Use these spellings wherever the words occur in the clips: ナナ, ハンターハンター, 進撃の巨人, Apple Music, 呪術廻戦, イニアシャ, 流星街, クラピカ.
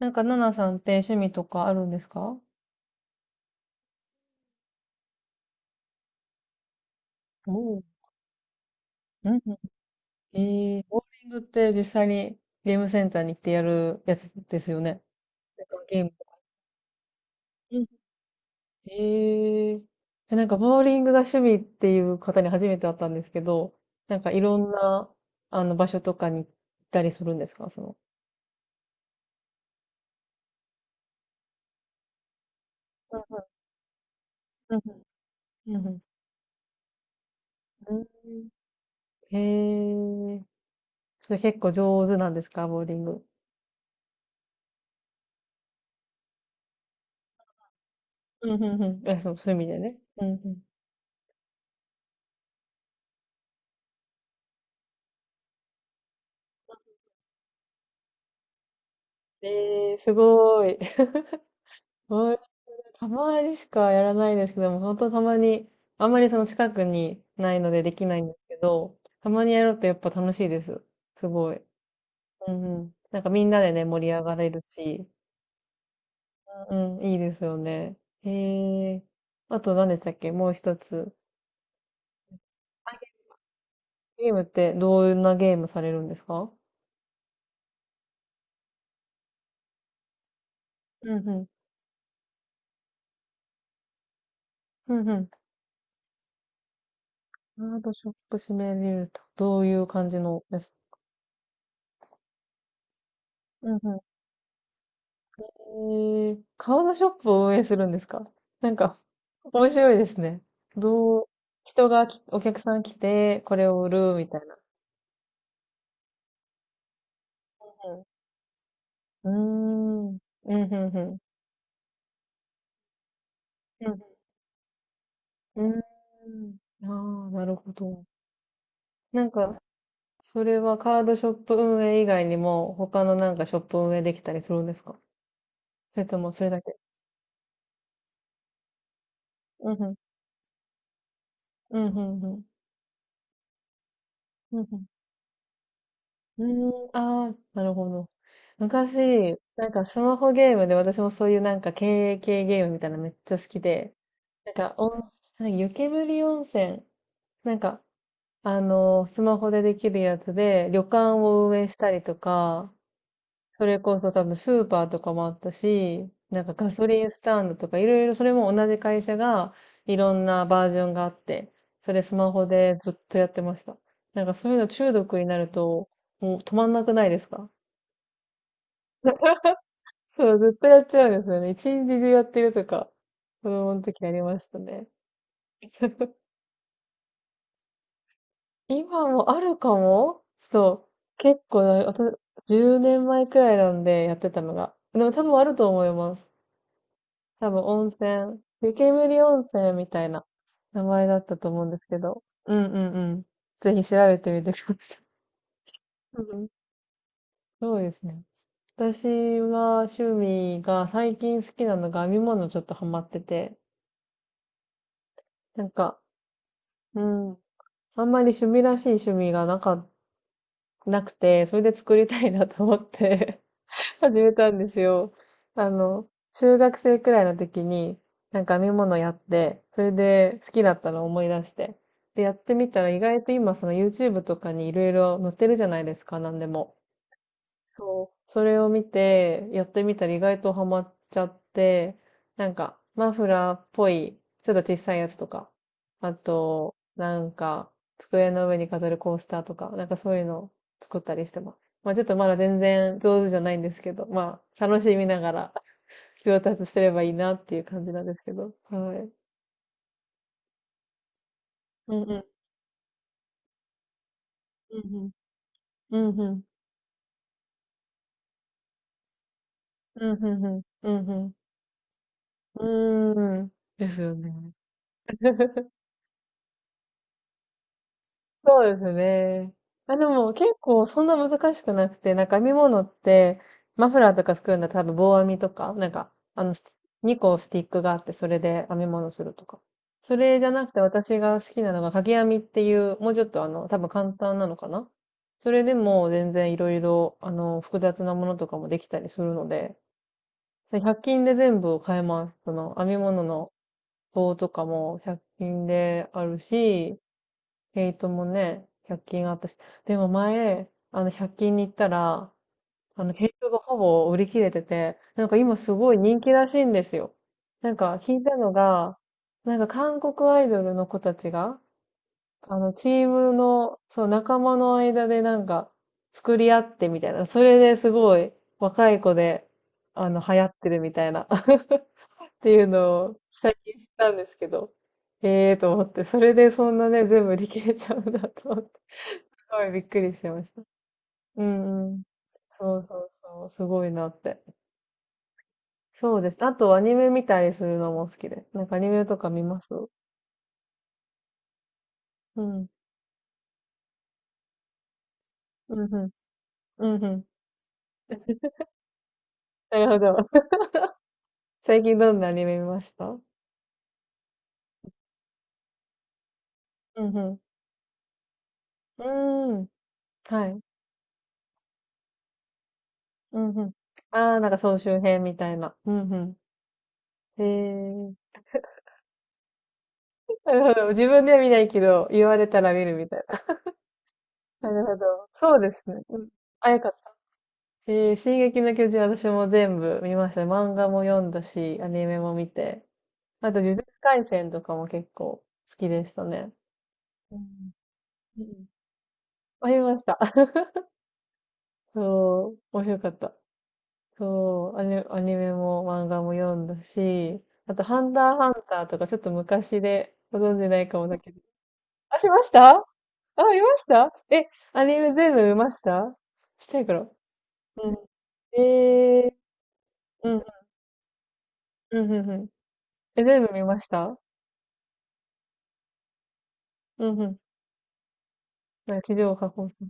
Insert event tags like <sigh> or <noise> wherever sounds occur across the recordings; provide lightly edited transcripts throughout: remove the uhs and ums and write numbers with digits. なんか、ナナさんって趣味とかあるんですか？お、うんうん。ボーリングって実際にゲームセンターに行ってやるやつですよね。なんかゲーム。うん。えー、なんかボーリングが趣味っていう方に初めて会ったんですけど、なんかいろんな、場所とかに行ったりするんですか、その。うんうん。うんうんうん。へえ、それ結構上手なんですか、ボーリング？うんうんうん。え、そう、趣味でね。うんうん。ええ、すごい。<laughs> ワー、たまにしかやらないですけども、本当たまに、あんまりその近くにないのでできないんですけど、たまにやるとやっぱ楽しいです。すごい。うんうん。なんかみんなでね、盛り上がれるし、うん、いいですよね。へえ。あと何でしたっけ、もう一つ。ゲームってどんなゲームされるんですか？うんうん。うんうん。カードショップ閉めれると。どういう感じのです？ええ、顔のショップを運営するんですか？なんか、面白いですね。どう、人がき、お客さん来て、これを売る、みたいな。うん。うーん。うん、うん、うん。うん。うーん。ああ、なるほど。なんか、それはカードショップ運営以外にも、他のなんかショップ運営できたりするんですか？それともそれだけ？うん、うん。うん、うん、うん。うんうん。うーん、ああ、なるほど。昔、なんかスマホゲームで私もそういうなんか経営系ゲームみたいなのめっちゃ好きで、なんか温、なんか湯煙温泉、なんか、スマホでできるやつで旅館を運営したりとか、それこそ多分スーパーとかもあったし、なんかガソリンスタンドとかいろいろ、それも同じ会社がいろんなバージョンがあって、それスマホでずっとやってました。なんかそういうの中毒になると、もう止まんなくないですか？そう、ずっとやっちゃうんですよね。一日中やってるとか、子供の時ありましたね。<laughs> 今もあるかもちょっと、結構な、あと10年前くらいなんでやってたのが。でも多分あると思います。多分温泉、湯煙温泉みたいな名前だったと思うんですけど。うんうんうん。ぜひ調べてみてください。うん。そうですね。私は趣味が最近好きなのが編み物ちょっとハマってて、なんか、うん、あんまり趣味らしい趣味がなくて、それで作りたいなと思って <laughs> 始めたんですよ。あの、中学生くらいの時に、なんか編み物やって、それで好きだったのを思い出して。で、やってみたら意外と今その YouTube とかにいろいろ載ってるじゃないですか、なんでも。そう。それを見て、やってみたら意外とハマっちゃって、なんか、マフラーっぽい、ちょっと小さいやつとか、あと、なんか、机の上に飾るコースターとか、なんかそういうのを作ったりしてます。まあちょっとまだ全然上手じゃないんですけど、まあ楽しみながら上達すればいいなっていう感じなんですけど。はい。うんうん。うんうん。うんうん。うんうん。うんうん。うんうん。ですよね。<laughs> そうですね。あ、でも結構そんな難しくなくて、なんか編み物って、マフラーとか作るんだったら多分棒編みとか、なんか、2個スティックがあって、それで編み物するとか。それじゃなくて私が好きなのが掛け編みっていう、もうちょっと、あの、多分簡単なのかな。それでも全然いろいろ、あの、複雑なものとかもできたりするので、100均で全部買えます。その編み物の棒とかも100均であるし、ヘイトもね、100均あったし。でも前、あの、100均に行ったら、あの、ヘイトがほぼ売り切れてて、なんか今すごい人気らしいんですよ。なんか聞いたのが、なんか韓国アイドルの子たちが、あの、チームの、そう、仲間の間でなんか、作り合ってみたいな。それですごい、若い子で、あの、流行ってるみたいな。<laughs> っていうのを最近知ったんですけど、ええと思って、それでそんなね、全部売り切れちゃうんだと思って、すごいびっくりしてました。うんうん。そうそうそう、すごいなって。そうです。あとアニメ見たりするのも好きで。なんかアニメとか見ます？うん。うんうん。うんうん。なるほど。<laughs> 最近どんなアニメ見ました？うんうん。うーん。はい。うんうん。ああ、なんか総集編みたいな。うんうん。へえ。なるほど。自分では見ないけど、言われたら見るみたいな。<laughs> なるほど。そうですね。うん。あ、よかった。し、進撃の巨人私も全部見ました。漫画も読んだし、アニメも見て。あと、呪術廻戦とかも結構好きでしたね。うん。うん。ありました。<laughs> そう、面白かった。そう、アニ、アニメも漫画も読んだし、あと、ハンターハンターとかちょっと昔でご存じないかもだけど、あ、しましたあ、見ましたえ、アニメ全部見ました？ちっちゃい頃。うん。えー、うん、うん、うん、うん。え、全部見ました？うん、うん。なんか地上波放送。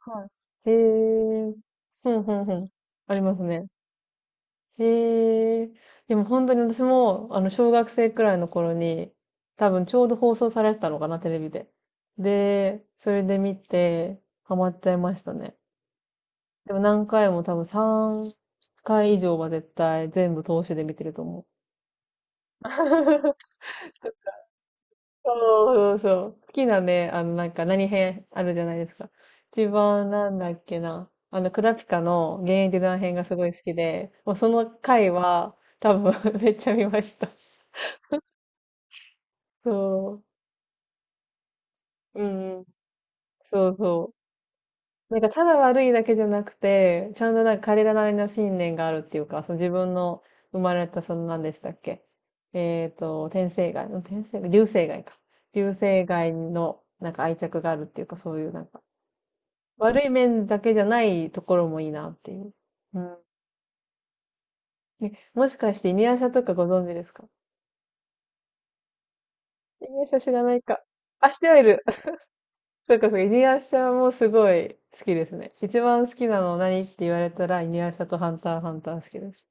はい。うん、うん、うん。ありますね。えー、でも本当に私も、あの、小学生くらいの頃に、多分ちょうど放送されてたのかな、テレビで。で、それで見て、ハマっちゃいましたね。でも何回も多分3回以上は絶対全部通しで見てると思う。そうそうそう。好きなね、あの、なんか何編あるじゃないですか。一番なんだっけな。あの、クラピカの現役団編がすごい好きで、もうその回は多分 <laughs> めっちゃ見ました。そう。うんうん。そうそう。なんかただ悪いだけじゃなくて、ちゃんとなんか彼らなりの信念があるっていうか、その自分の生まれたその何でしたっけ？えっと、天生涯の、天生流星街か。流星街のなんか愛着があるっていうか、そういうなんか、悪い面だけじゃないところもいいなっていう。うん。え、もしかしてイニアシャとかご存知ですか？イニアシャ知らないか。あ、知ってはいる。<laughs> そうかそうか、イニアシャもすごい好きですね。一番好きなの何って言われたら、イニアシャとハンターハンター好きです。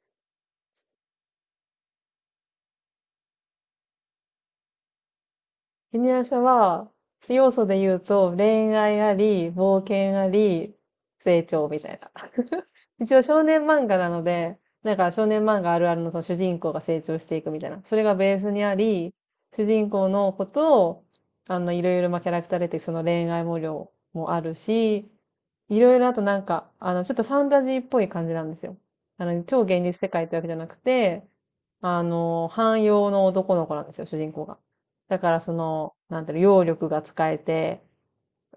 ジニア社は、要素で言うと、恋愛あり、冒険あり、成長みたいな。<laughs> 一応少年漫画なので、なんか少年漫画あるあるのその主人公が成長していくみたいな。それがベースにあり、主人公のことを、あの、いろいろまあキャラクター出て、その恋愛模様もあるし、いろいろあとなんか、あの、ちょっとファンタジーっぽい感じなんですよ。あの、超現実世界ってわけじゃなくて、あの、汎用の男の子なんですよ、主人公が。だからその、なんていうの、揚力が使えて、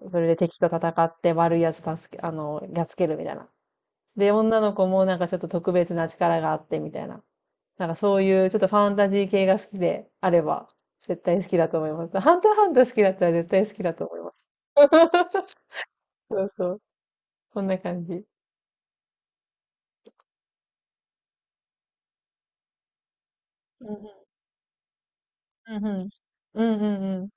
それで敵と戦って悪いやつ助け、あの、やっつけるみたいな。で、女の子もなんかちょっと特別な力があってみたいな。なんかそういうちょっとファンタジー系が好きであれば、絶対好きだと思います。ハンターハンター好きだったら絶対好きだと思います。<laughs> そうそう。<laughs> そんな感じ。うんうんうんうん。うんうんうん。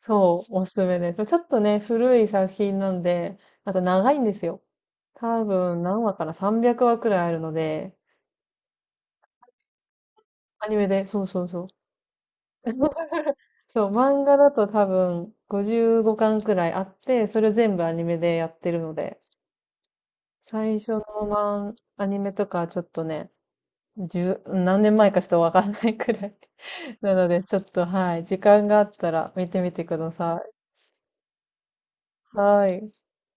そう、おすすめです。ちょっとね、古い作品なんで、また長いんですよ。多分何話かな？ 300 話くらいあるので、アニメで、そうそうそう。そう、漫画だと多分55巻くらいあって、それ全部アニメでやってるので、最初の漫、アニメとかちょっとね、十、何年前かちょっとわかんないくらい。<laughs> なので、ちょっと、はい、時間があったら見てみてください。はい。